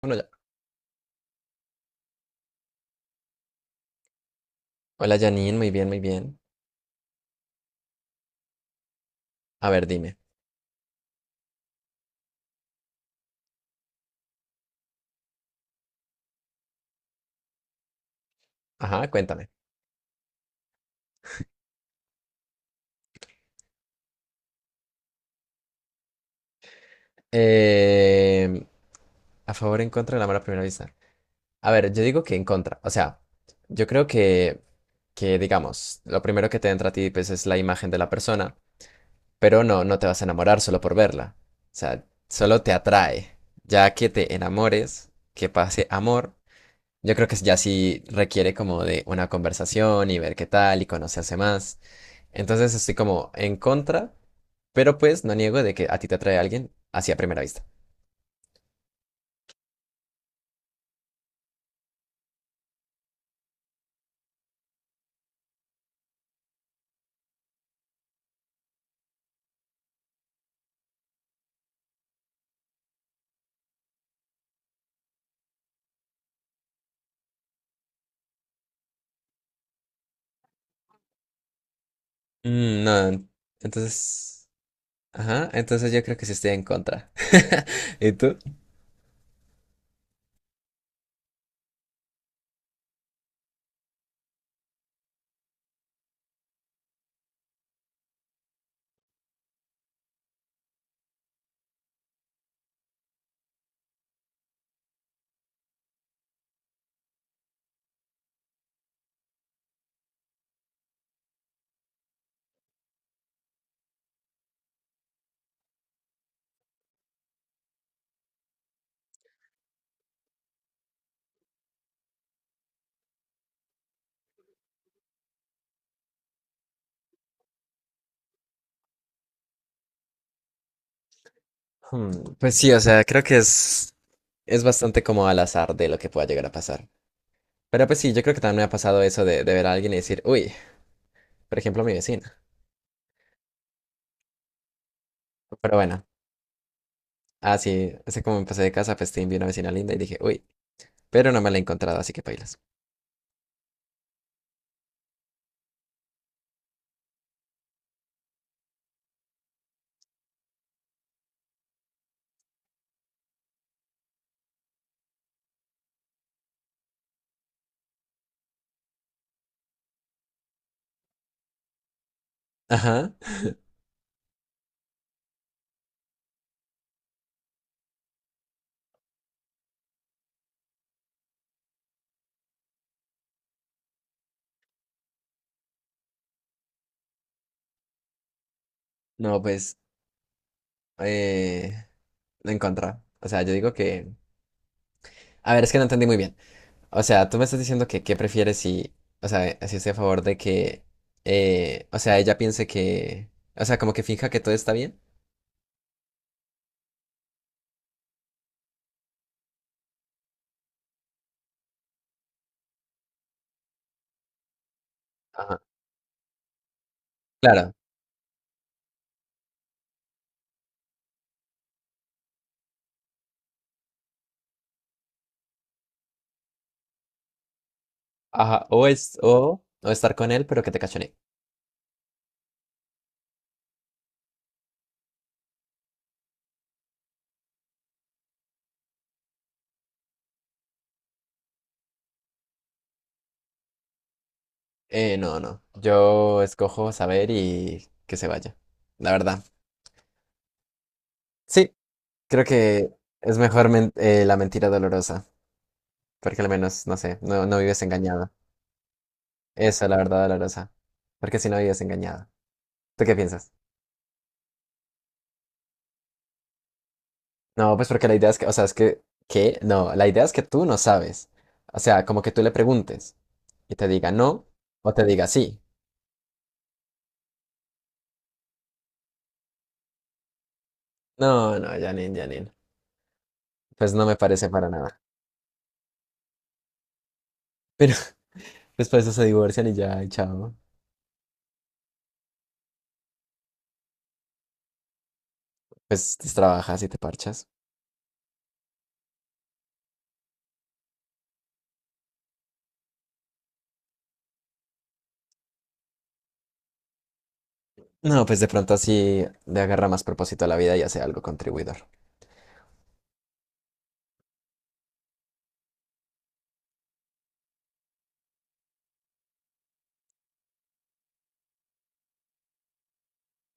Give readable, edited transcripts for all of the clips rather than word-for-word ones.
Bueno, ya. Hola Janine, muy bien, muy bien. A ver, dime. Ajá, cuéntame. Eh, ¿A favor o en contra del amor a primera vista? A ver, yo digo que en contra. O sea, yo creo que digamos, lo primero que te entra a ti, pues, es la imagen de la persona, pero no te vas a enamorar solo por verla. O sea, solo te atrae. Ya que te enamores, que pase amor, yo creo que ya sí requiere como de una conversación y ver qué tal y conocerse más. Entonces estoy como en contra, pero pues no niego de que a ti te atrae alguien hacia primera vista. Mm, no, en- entonces, ajá, entonces yo creo que sí estoy en contra. ¿Y tú? Hmm, pues sí, o sea, creo que es bastante como al azar de lo que pueda llegar a pasar. Pero pues sí, yo creo que también me ha pasado eso de ver a alguien y decir, uy, por ejemplo, mi vecina. Pero bueno, así como me pasé de casa, pues te vi una vecina linda y dije, uy, pero no me la he encontrado, así que pailas. Ajá. No, pues, eh, en contra. O sea, yo digo que… A ver, es que no entendí muy bien. O sea, tú me estás diciendo que qué prefieres si… O sea, si estoy a favor de que… o sea, ella piense que… O sea, como que finja que todo está bien. Ajá. Claro. Ajá. O es… o estar con él, pero que te cachonee. No, no. Yo escojo saber y que se vaya. La verdad. Sí, creo que la mentira dolorosa. Porque al menos, no sé, no vives engañada. Esa es la verdad dolorosa. Porque si no vives engañada. ¿Tú qué piensas? No, pues porque la idea es que, o sea, es que, ¿qué? No, la idea es que tú no sabes. O sea, como que tú le preguntes y te diga no o te diga sí. No, no, Janine, Janine. Pues no me parece para nada. Pero después de eso se divorcian y ya, y chao. Pues trabajas y te parchas. No, pues de pronto así le agarra más propósito a la vida y hace algo contribuidor.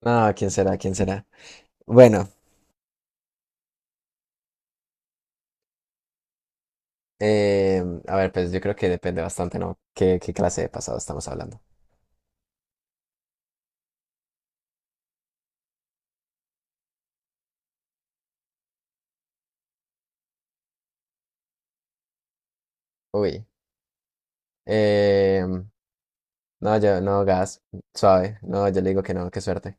No, ¿quién será? ¿Quién será? Bueno, a ver, pues yo creo que depende bastante, ¿no? ¿Qué clase de pasado estamos hablando? Uy. Eh, No, yo, no, gas, suave. No, yo le digo que no, qué suerte.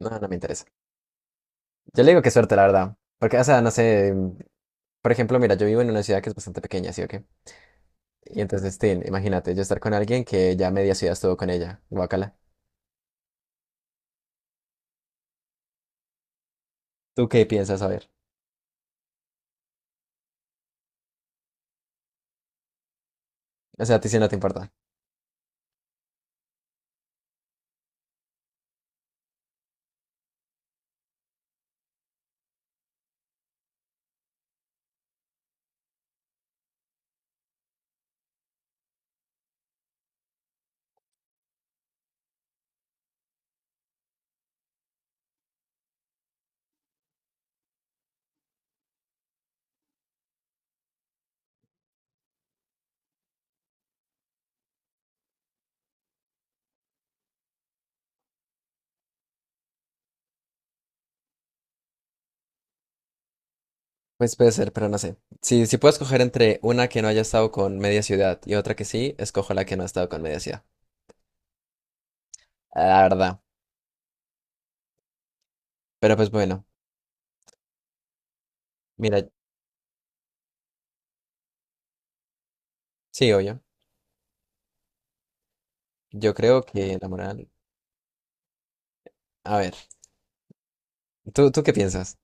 No, no me interesa. Yo le digo qué suerte, la verdad. Porque, o sea, no sé. Por ejemplo, mira, yo vivo en una ciudad que es bastante pequeña, ¿sí o qué? Y entonces, tin, imagínate, yo estar con alguien que ya media ciudad estuvo con ella. Guácala. ¿Tú qué piensas? A ver. O sea, a ti sí no te importa. Pues puede ser, pero no sé. Si puedo escoger entre una que no haya estado con media ciudad y otra que sí, escojo la que no ha estado con media ciudad. La verdad. Pero pues bueno, mira, sí, obvio. Yo creo que la moral. A ver, ¿tú qué piensas?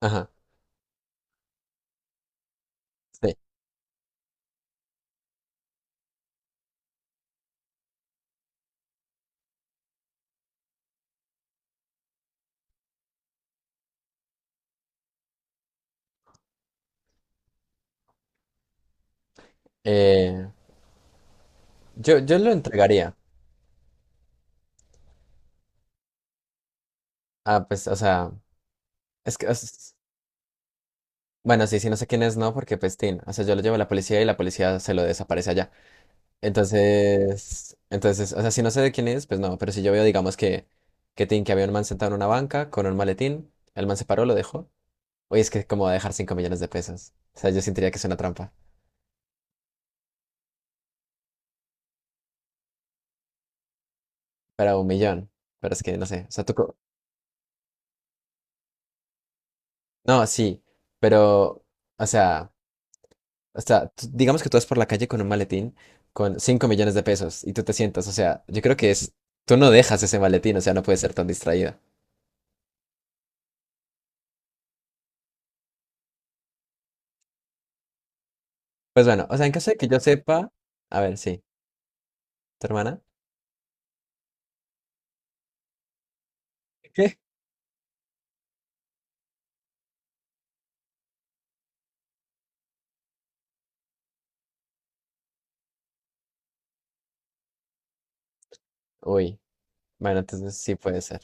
Ajá, sí. Eh, yo lo entregaría. Ah, pues, o sea, es que, es- bueno, sí, sí, no sé quién es, no, porque pestín. O sea, yo lo llevo a la policía y la policía se lo desaparece allá. Entonces, o sea, si no sé de quién es, pues no, pero si yo veo, digamos tin, que había un man sentado en una banca con un maletín, el man se paró, lo dejó. Oye, es que como va a dejar 5 millones de pesos. O sea, yo sentiría que es una trampa. Para un millón. Pero es que, no sé, o sea, tú… co- No, sí, pero, o sea… O sea, tú- digamos que tú vas por la calle con un maletín con 5 millones de pesos y tú te sientas, o sea, yo creo que es, tú no dejas ese maletín, o sea, no puedes ser tan distraída. Pues bueno, o sea, en caso de que yo sepa, a ver, sí, ¿tu hermana? ¿Qué? Uy, bueno, entonces sí puede ser.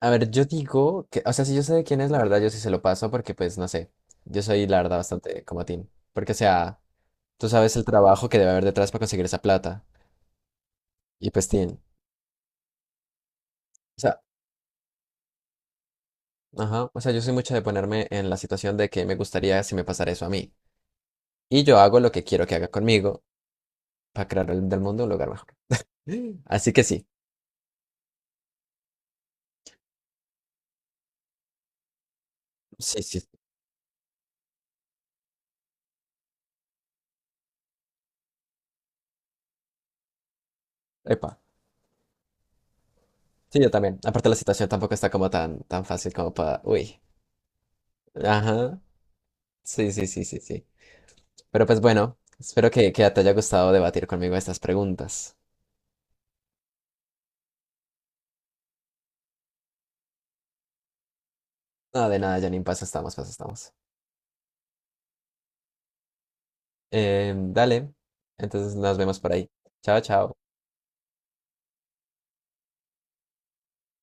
A ver, yo digo que, o sea, si yo sé de quién es, la verdad, yo sí se lo paso porque, pues, no sé, yo soy, la verdad, bastante como Tim. Porque, o sea, tú sabes el trabajo que debe haber detrás para conseguir esa plata. Y pues, Tim, o sea, ajá, o sea, yo soy mucho de ponerme en la situación de que me gustaría si me pasara eso a mí. Y yo hago lo que quiero que haga conmigo para crear del mundo un lugar mejor. Así que sí, sí, sí. Epa. Sí, yo también. Aparte la situación tampoco está como tan, tan fácil como para… Uy. Ajá. Sí, sí, sí, sí, sí. Pero pues bueno, espero que te haya gustado debatir conmigo estas preguntas. Nada de nada, Janine, paso estamos, paso estamos. Dale. Entonces nos vemos por ahí. Chao, chao.